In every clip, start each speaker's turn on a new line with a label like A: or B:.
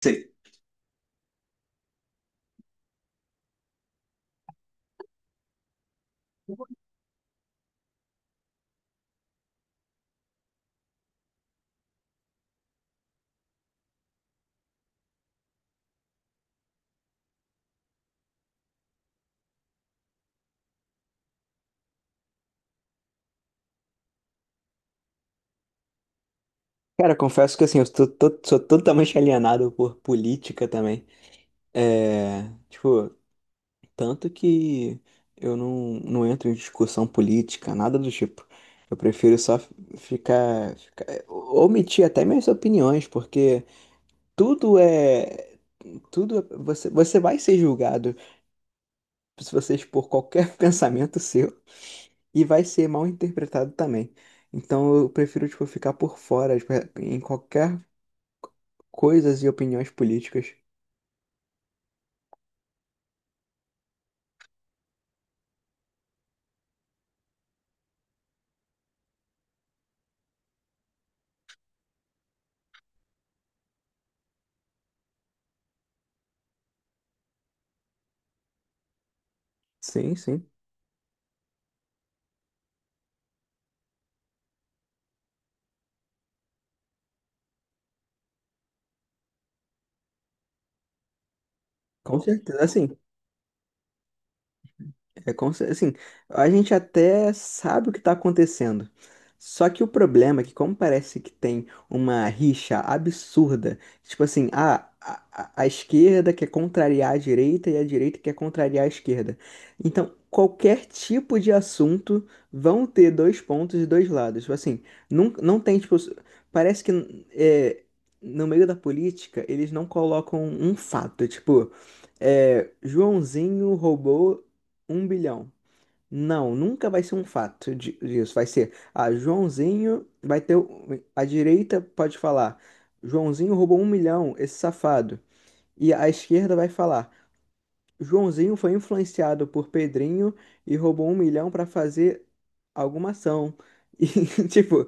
A: Sei. Cara, confesso que assim, eu sou, sou totalmente alienado por política também. É, tipo, tanto que eu não entro em discussão política, nada do tipo. Eu prefiro só omitir até minhas opiniões, porque tudo é, você vai ser julgado se você expor qualquer pensamento seu e vai ser mal interpretado também. Então eu prefiro, tipo, ficar por fora, tipo, em qualquer coisas e opiniões políticas. Sim, sim. Com certeza. Assim, é como se, assim, a gente até sabe o que está acontecendo. Só que o problema é que, como parece que tem uma rixa absurda, tipo assim, ah, a esquerda quer contrariar a direita e a direita quer contrariar a esquerda. Então, qualquer tipo de assunto vão ter dois pontos e dois lados. Tipo assim, não tem, tipo, parece que é, no meio da política eles não colocam um fato. Tipo, é, Joãozinho roubou um bilhão. Não, nunca vai ser um fato disso. Vai ser, ah, Joãozinho vai ter. A direita pode falar, Joãozinho roubou um milhão, esse safado. E a esquerda vai falar, Joãozinho foi influenciado por Pedrinho e roubou um milhão para fazer alguma ação. E, tipo,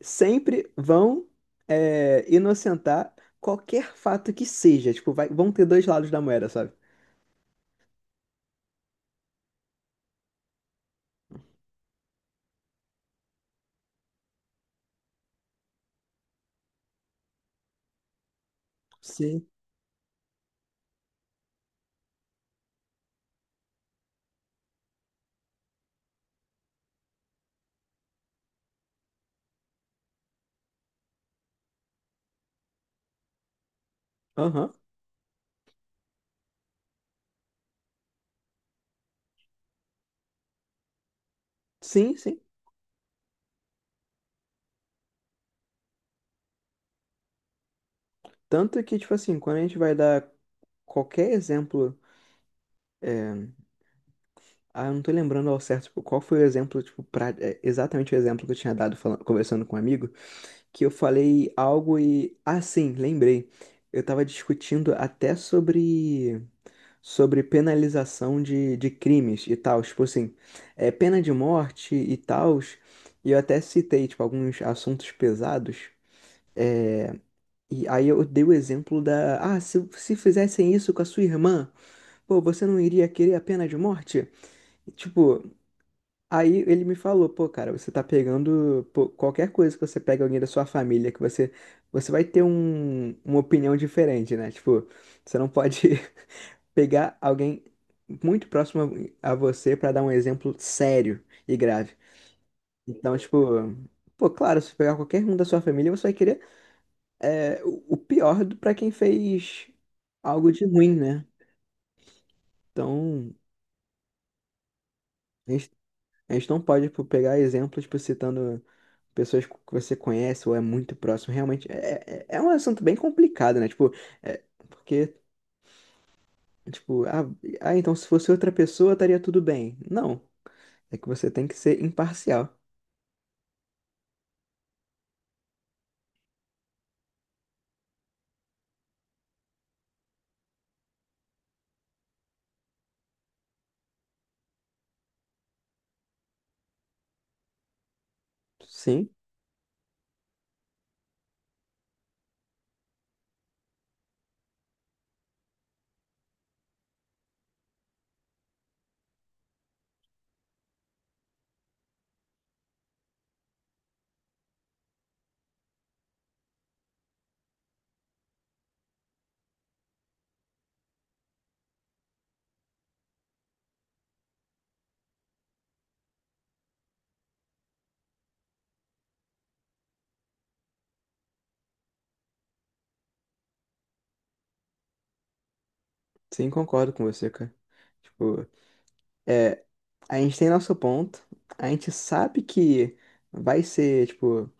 A: sempre vão é, inocentar qualquer fato que seja. Tipo, vão ter dois lados da moeda, sabe? Sim. Aham. Sim, sim. Tanto que, tipo assim, quando a gente vai dar qualquer exemplo, ah, eu não tô lembrando ao certo, tipo, qual foi o exemplo, tipo, pra, é, exatamente o exemplo que eu tinha dado falando, conversando com um amigo, que eu falei algo e, ah, sim, lembrei. Eu tava discutindo até sobre penalização de crimes e tal, tipo assim, é, pena de morte e tal, e eu até citei, tipo, alguns assuntos pesados. E aí eu dei o exemplo da, ah, se fizessem isso com a sua irmã, pô, você não iria querer a pena de morte? E, tipo, aí ele me falou, pô, cara, você tá pegando, pô, qualquer coisa que você pega alguém da sua família, que você, você vai ter um, uma opinião diferente, né? Tipo, você não pode pegar alguém muito próximo a você pra dar um exemplo sério e grave. Então, tipo, pô, claro, se pegar qualquer um da sua família, você vai querer é, o pior pra quem fez algo de ruim, né? Então, a gente a gente não pode, tipo, pegar exemplos, tipo, citando pessoas que você conhece ou é muito próximo. Realmente, é, é um assunto bem complicado, né? Tipo, é, porque, tipo, ah, ah, então se fosse outra pessoa estaria tudo bem. Não, é que você tem que ser imparcial. Sim, sim, concordo com você, cara. Tipo, é, a gente tem nosso ponto, a gente sabe que vai ser, tipo,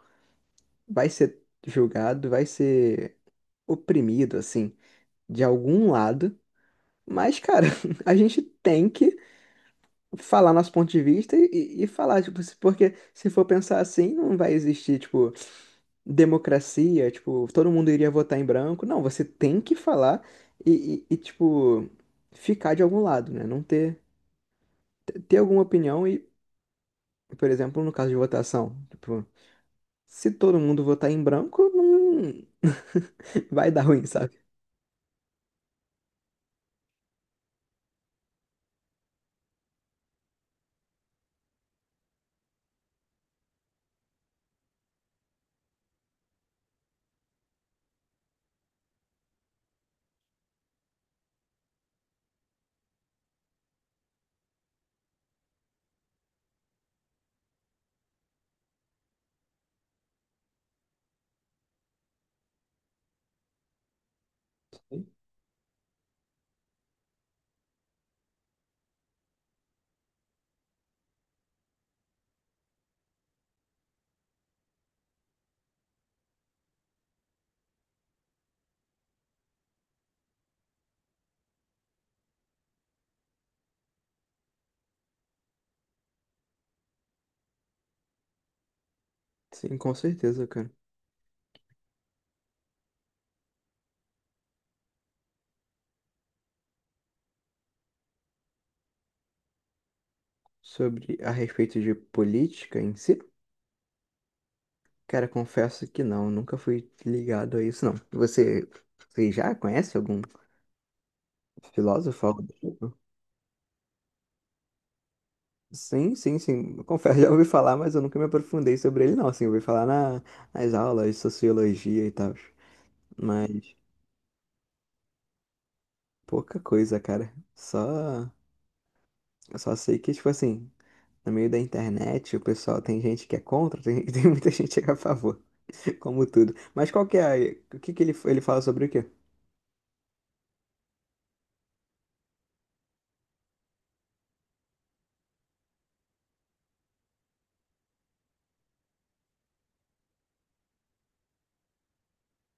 A: vai ser julgado, vai ser oprimido, assim, de algum lado. Mas, cara, a gente tem que falar nosso ponto de vista e falar, tipo, porque se for pensar assim, não vai existir, tipo, democracia, tipo, todo mundo iria votar em branco. Não, você tem que falar e, tipo, ficar de algum lado, né? Não ter, ter alguma opinião e, por exemplo, no caso de votação, tipo, se todo mundo votar em branco, não vai dar ruim, sabe? Sim, com certeza, cara. Sobre a respeito de política em si. Cara, confesso que não, nunca fui ligado a isso, não. Você, você já conhece algum filósofo? Algo do tipo? Sim, sim, sim. Eu confesso, já ouvi falar, mas eu nunca me aprofundei sobre ele, não. Assim, eu ouvi falar na, nas aulas de sociologia e tal. Mas pouca coisa, cara. Só, eu só sei que, tipo assim, no meio da internet, o pessoal tem gente que é contra, tem, tem muita gente que é a favor. Como tudo. Mas qual que é a, o que que ele fala sobre o quê?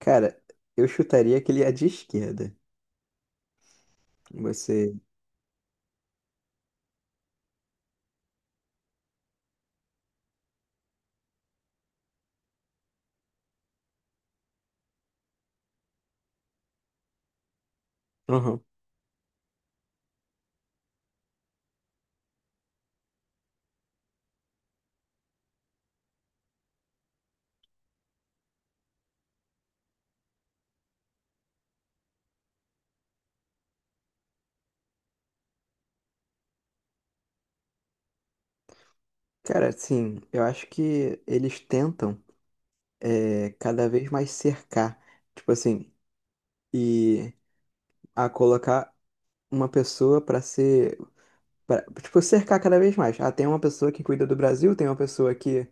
A: Cara, eu chutaria que ele é de esquerda. Você. Aham. Cara, assim, eu acho que eles tentam é, cada vez mais cercar, tipo assim, e a colocar uma pessoa pra ser, pra, tipo, cercar cada vez mais. Ah, tem uma pessoa que cuida do Brasil, tem uma pessoa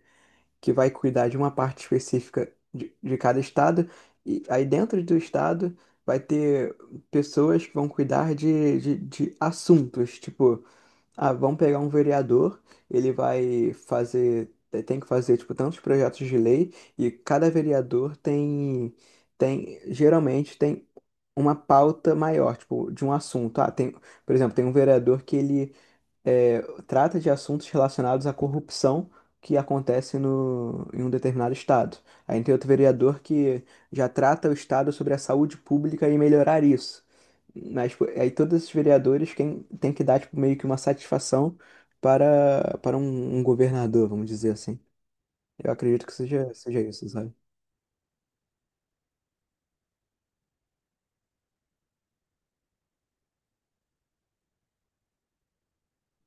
A: que vai cuidar de uma parte específica de cada estado, e aí dentro do estado vai ter pessoas que vão cuidar de, de assuntos, tipo. Ah, vamos pegar um vereador, ele vai fazer, tem que fazer, tipo, tantos projetos de lei, e cada vereador tem, tem, geralmente tem uma pauta maior, tipo, de um assunto. Ah, tem, por exemplo, tem um vereador que ele é, trata de assuntos relacionados à corrupção que acontece no, em um determinado estado. Aí tem outro vereador que já trata o estado sobre a saúde pública e melhorar isso. Mas pô, aí todos esses vereadores quem tem que dar tipo, meio que uma satisfação para um, um governador, vamos dizer assim. Eu acredito que seja isso, sabe?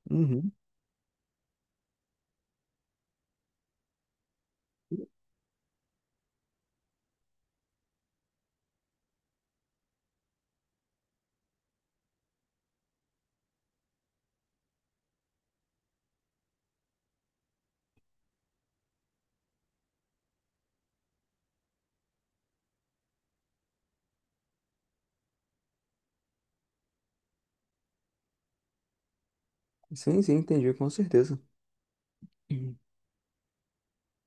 A: Uhum. Sim, sim, entendi, com certeza. Uhum.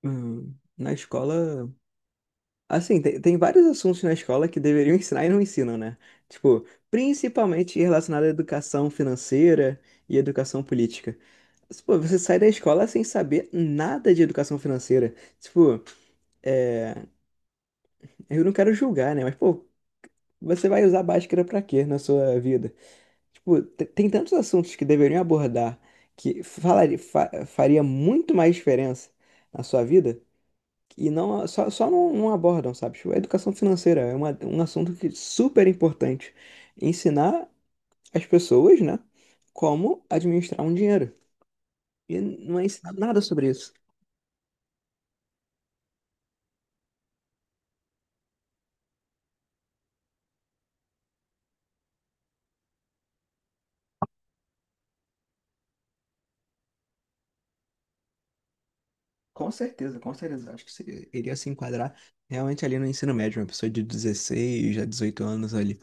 A: Na escola assim, tem, tem vários assuntos na escola que deveriam ensinar e não ensinam, né? Tipo, principalmente relacionado à educação financeira e educação política. Pô, você sai da escola sem saber nada de educação financeira. Tipo, eu não quero julgar, né? Mas, pô, você vai usar báscara pra quê na sua vida? Tipo, tem tantos assuntos que deveriam abordar que falaria, faria muito mais diferença na sua vida e não, só, só não abordam, sabe? Tipo, a educação financeira é uma, um assunto que super importante. Ensinar as pessoas, né, como administrar um dinheiro. E não é ensinado nada sobre isso. Com certeza, com certeza. Acho que iria se enquadrar realmente ali no ensino médio, uma pessoa de 16 a 18 anos ali.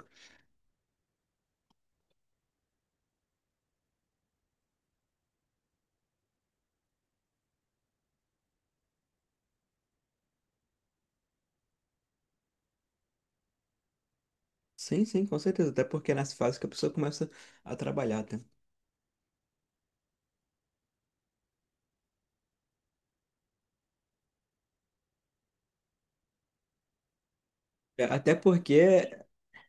A: Sim, sim, com certeza. Até porque é nessa fase que a pessoa começa a trabalhar, tá? É, Até porque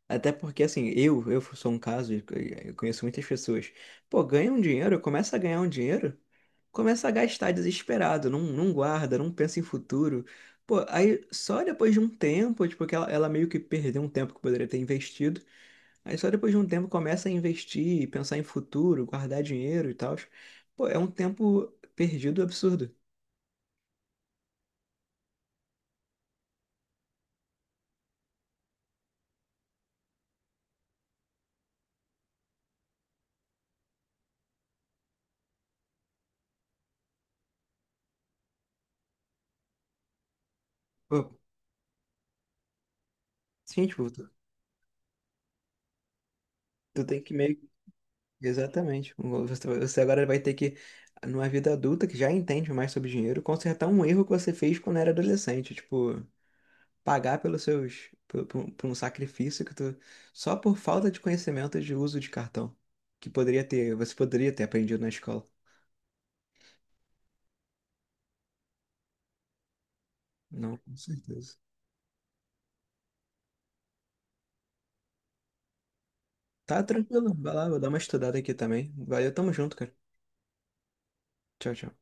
A: Até porque, assim, eu sou um caso, e eu conheço muitas pessoas. Pô, ganha um dinheiro, começa a ganhar um dinheiro, começa a gastar desesperado, não guarda, não pensa em futuro. Pô, aí só depois de um tempo, tipo, que ela meio que perdeu um tempo que poderia ter investido. Aí só depois de um tempo começa a investir, pensar em futuro, guardar dinheiro e tal. Pô, é um tempo perdido absurdo. Pô, sim, tipo, tu tem que meio exatamente. Você agora vai ter que, numa vida adulta que já entende mais sobre dinheiro, consertar um erro que você fez quando era adolescente. Tipo, pagar pelos seus, por, por um sacrifício que tu, só por falta de conhecimento de uso de cartão, que poderia ter, você poderia ter aprendido na escola. Não, com certeza. Tá tranquilo, vai lá, vou dar uma estudada aqui também. Valeu, tamo junto, cara. Tchau, tchau.